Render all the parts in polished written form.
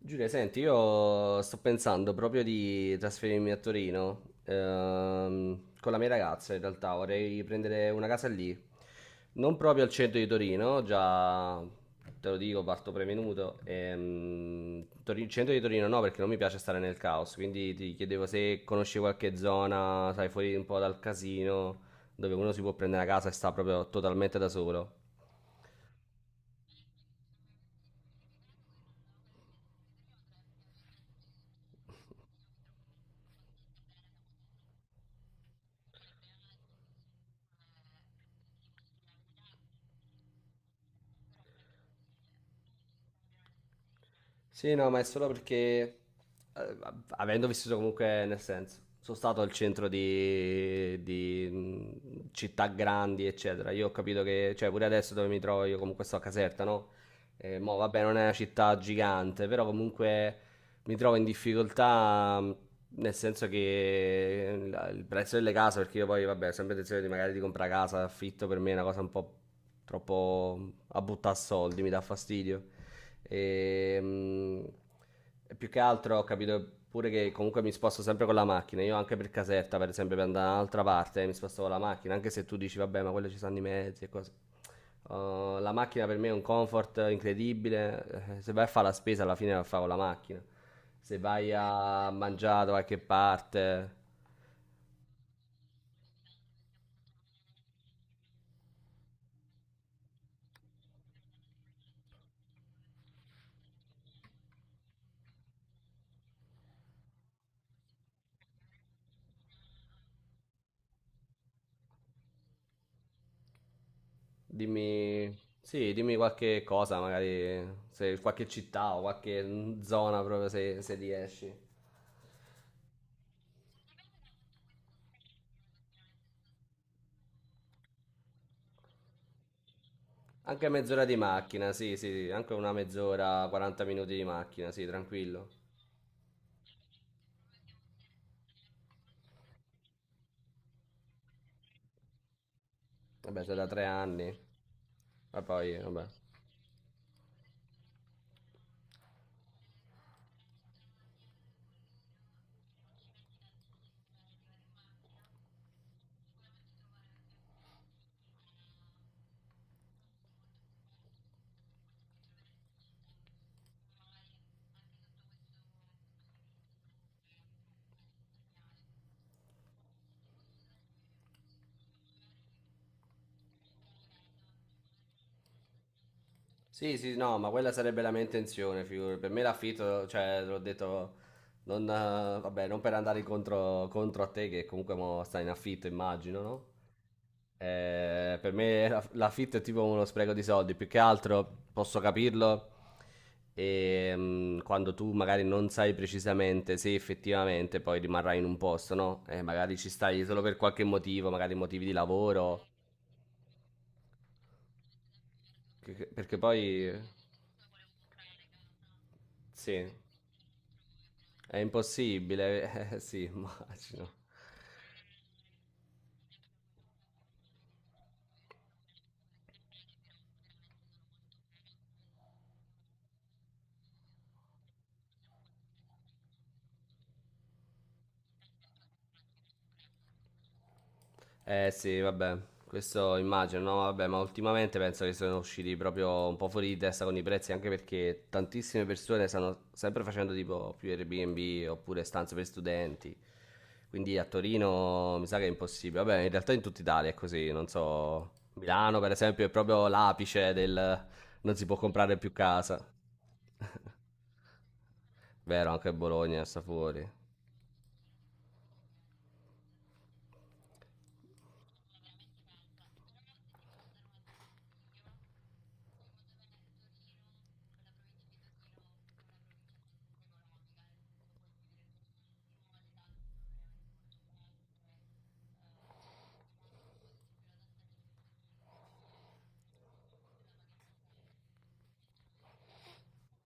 Giulia, senti, io sto pensando proprio di trasferirmi a Torino, con la mia ragazza in realtà, vorrei prendere una casa lì, non proprio al centro di Torino, già te lo dico, parto prevenuto, centro di Torino no perché non mi piace stare nel caos, quindi ti chiedevo se conosci qualche zona, sai, fuori un po' dal casino, dove uno si può prendere una casa e sta proprio totalmente da solo. Sì, no, ma è solo perché, eh, avendo vissuto comunque, nel senso, sono stato al centro di, città grandi, eccetera. Io ho capito che, cioè, pure adesso dove mi trovo, io comunque sto a Caserta, no? Mo, vabbè, non è una città gigante, però comunque mi trovo in difficoltà, nel senso che il prezzo delle case, perché io poi, vabbè, ho sempre intenzione di magari di comprare casa, affitto, per me è una cosa un po' troppo a buttare soldi, mi dà fastidio. E, mm, e più che altro ho capito pure che comunque mi sposto sempre con la macchina. Io anche per Caserta, per esempio, per andare da un'altra parte mi sposto con la macchina, anche se tu dici vabbè, ma quello ci sono i mezzi e cose. La macchina per me è un comfort incredibile. Se vai a fare la spesa, alla fine la fai con la macchina. Se vai a mangiare da qualche parte, dimmi, sì, dimmi qualche cosa, magari se qualche città o qualche zona proprio se riesci. Anche mezz'ora di macchina, sì, sì, sì, anche una mezz'ora, 40 minuti di macchina, sì, tranquillo. Vabbè, sei da 3 anni. Ma poi, vabbè. Sì, sì, no, ma quella sarebbe la mia intenzione, figurati. Per me l'affitto, cioè, l'ho detto, non, vabbè, non per andare incontro, contro a te, che comunque mo stai in affitto, immagino, no? Per me l'affitto è tipo uno spreco di soldi, più che altro posso capirlo e, quando tu magari non sai precisamente se effettivamente poi rimarrai in un posto, no? Magari ci stai solo per qualche motivo, magari motivi di lavoro, perché poi... Sì. È impossibile, sì, immagino. Eh sì, vabbè, questo immagino, no? Vabbè, ma ultimamente penso che sono usciti proprio un po' fuori di testa con i prezzi, anche perché tantissime persone stanno sempre facendo tipo più Airbnb oppure stanze per studenti. Quindi a Torino mi sa che è impossibile. Vabbè, in realtà in tutta Italia è così, non so. Milano, per esempio, è proprio l'apice del non si può comprare più casa. Vero, anche Bologna sta fuori.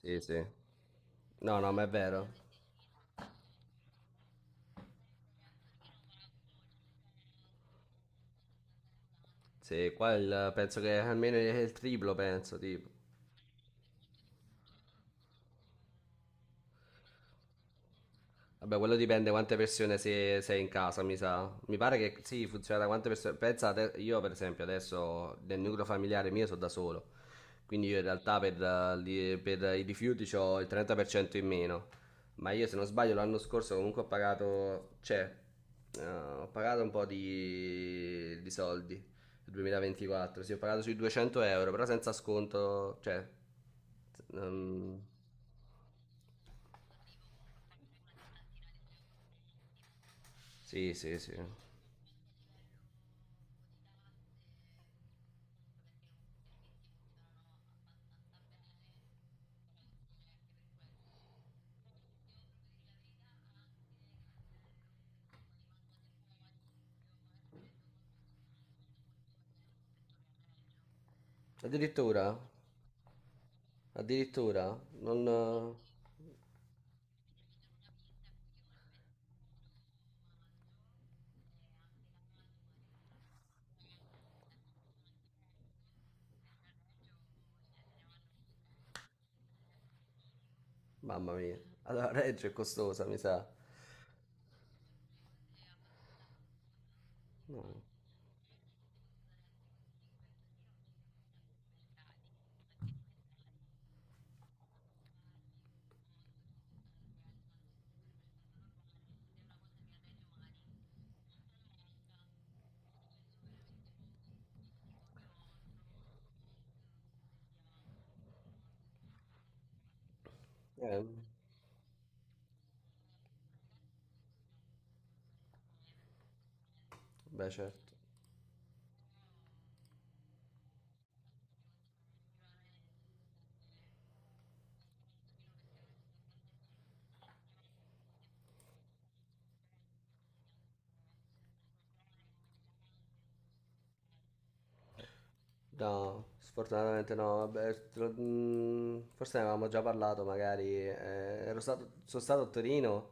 Sì, sì. No, no, ma è vero. Sì, qua penso che almeno il triplo, penso, tipo. Vabbè, quello dipende quante persone sei, in casa, mi sa. Mi pare che sì, funziona da quante persone. Pensate, io per esempio adesso nel nucleo familiare mio sono da solo, quindi io in realtà per i rifiuti ho il 30% in meno. Ma io se non sbaglio l'anno scorso comunque ho pagato, cioè, ho pagato un po' di soldi, il 2024, sì, ho pagato sui 200 euro, però senza sconto, cioè... Mm, sì, sì, sì. Addirittura? Addirittura? Non... Mamma mia. Allora, Reggio è costosa, mi sa. No. Eh, beh, certo. No, sfortunatamente no. Vabbè, forse ne avevamo già parlato, magari. Ero stato, sono stato a Torino,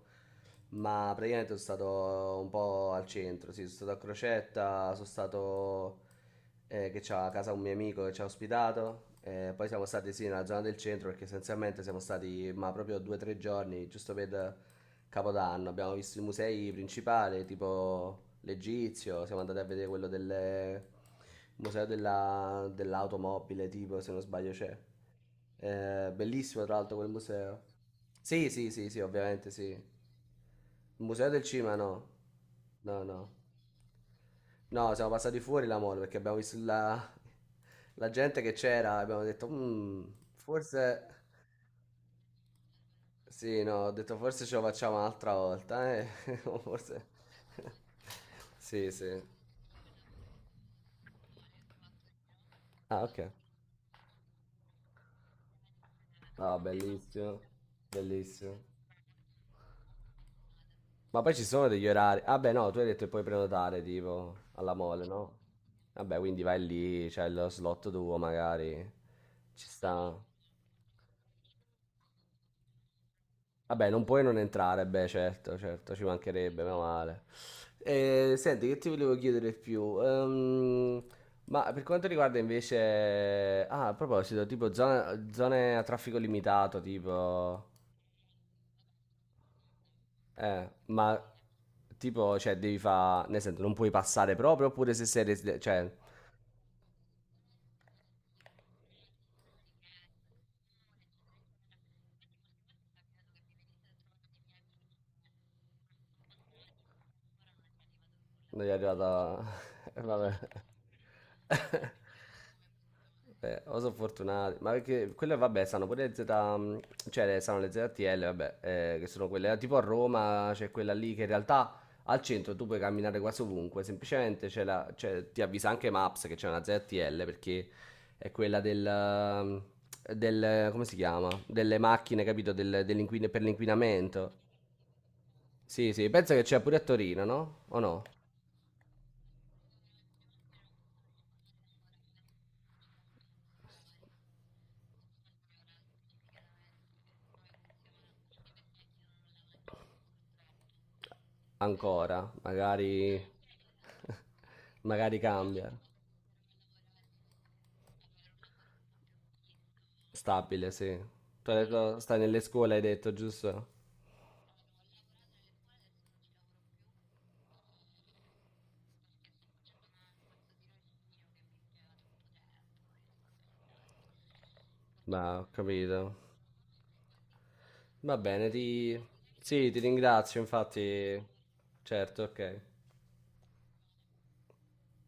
ma praticamente sono stato un po' al centro. Sì, sono stato a Crocetta, sono stato che c'ha a casa un mio amico che ci ha ospitato. Poi siamo stati sì nella zona del centro perché essenzialmente siamo stati ma proprio 2 o 3 giorni, giusto per Capodanno. Abbiamo visto i musei principali, tipo l'Egizio, siamo andati a vedere quello delle museo dell'automobile, tipo, se non sbaglio c'è. Bellissimo, tra l'altro, quel museo. Sì, sì, sì, sì, ovviamente sì. Il museo del cinema no. No, no. No, siamo passati fuori la mall perché abbiamo visto la, la gente che c'era e abbiamo detto, "Mm, forse... Sì, no, ho detto forse ce lo facciamo un'altra volta, eh. O forse... Sì, sì. Ah, ok. Ah, bellissimo. Bellissimo. Ma poi ci sono degli orari. Ah beh, no, tu hai detto che puoi prenotare tipo alla Mole, no? Vabbè, quindi vai lì, c'è lo slot tuo magari. Ci sta. Vabbè, non puoi non entrare, beh, certo, certo, ci mancherebbe, meno male. Senti, che ti volevo chiedere di più? Ma per quanto riguarda invece... Ah, a proposito, tipo zone a traffico limitato, tipo... Ma tipo, cioè, devi fare... Nel senso, non puoi passare proprio, oppure se sei... Cioè, Noi è arrivata... Vabbè. O sono fortunati, ma perché quelle vabbè sanno pure le Z, mm, cioè sanno le ZTL, vabbè, che sono quelle tipo a Roma c'è quella lì che in realtà al centro tu puoi camminare quasi ovunque, semplicemente c'è la, cioè, ti avvisa anche Maps che c'è una ZTL perché è quella del, come si chiama? Delle macchine, capito? Per l'inquinamento. Sì, sì, penso che c'è pure a Torino, no? O no? Ancora, magari, magari cambia. Stabile, sì. Tu hai detto, stai nelle scuole, hai detto, giusto? Ma ho capito. Va bene, ti... Sì, ti ringrazio, infatti. Certo, ok.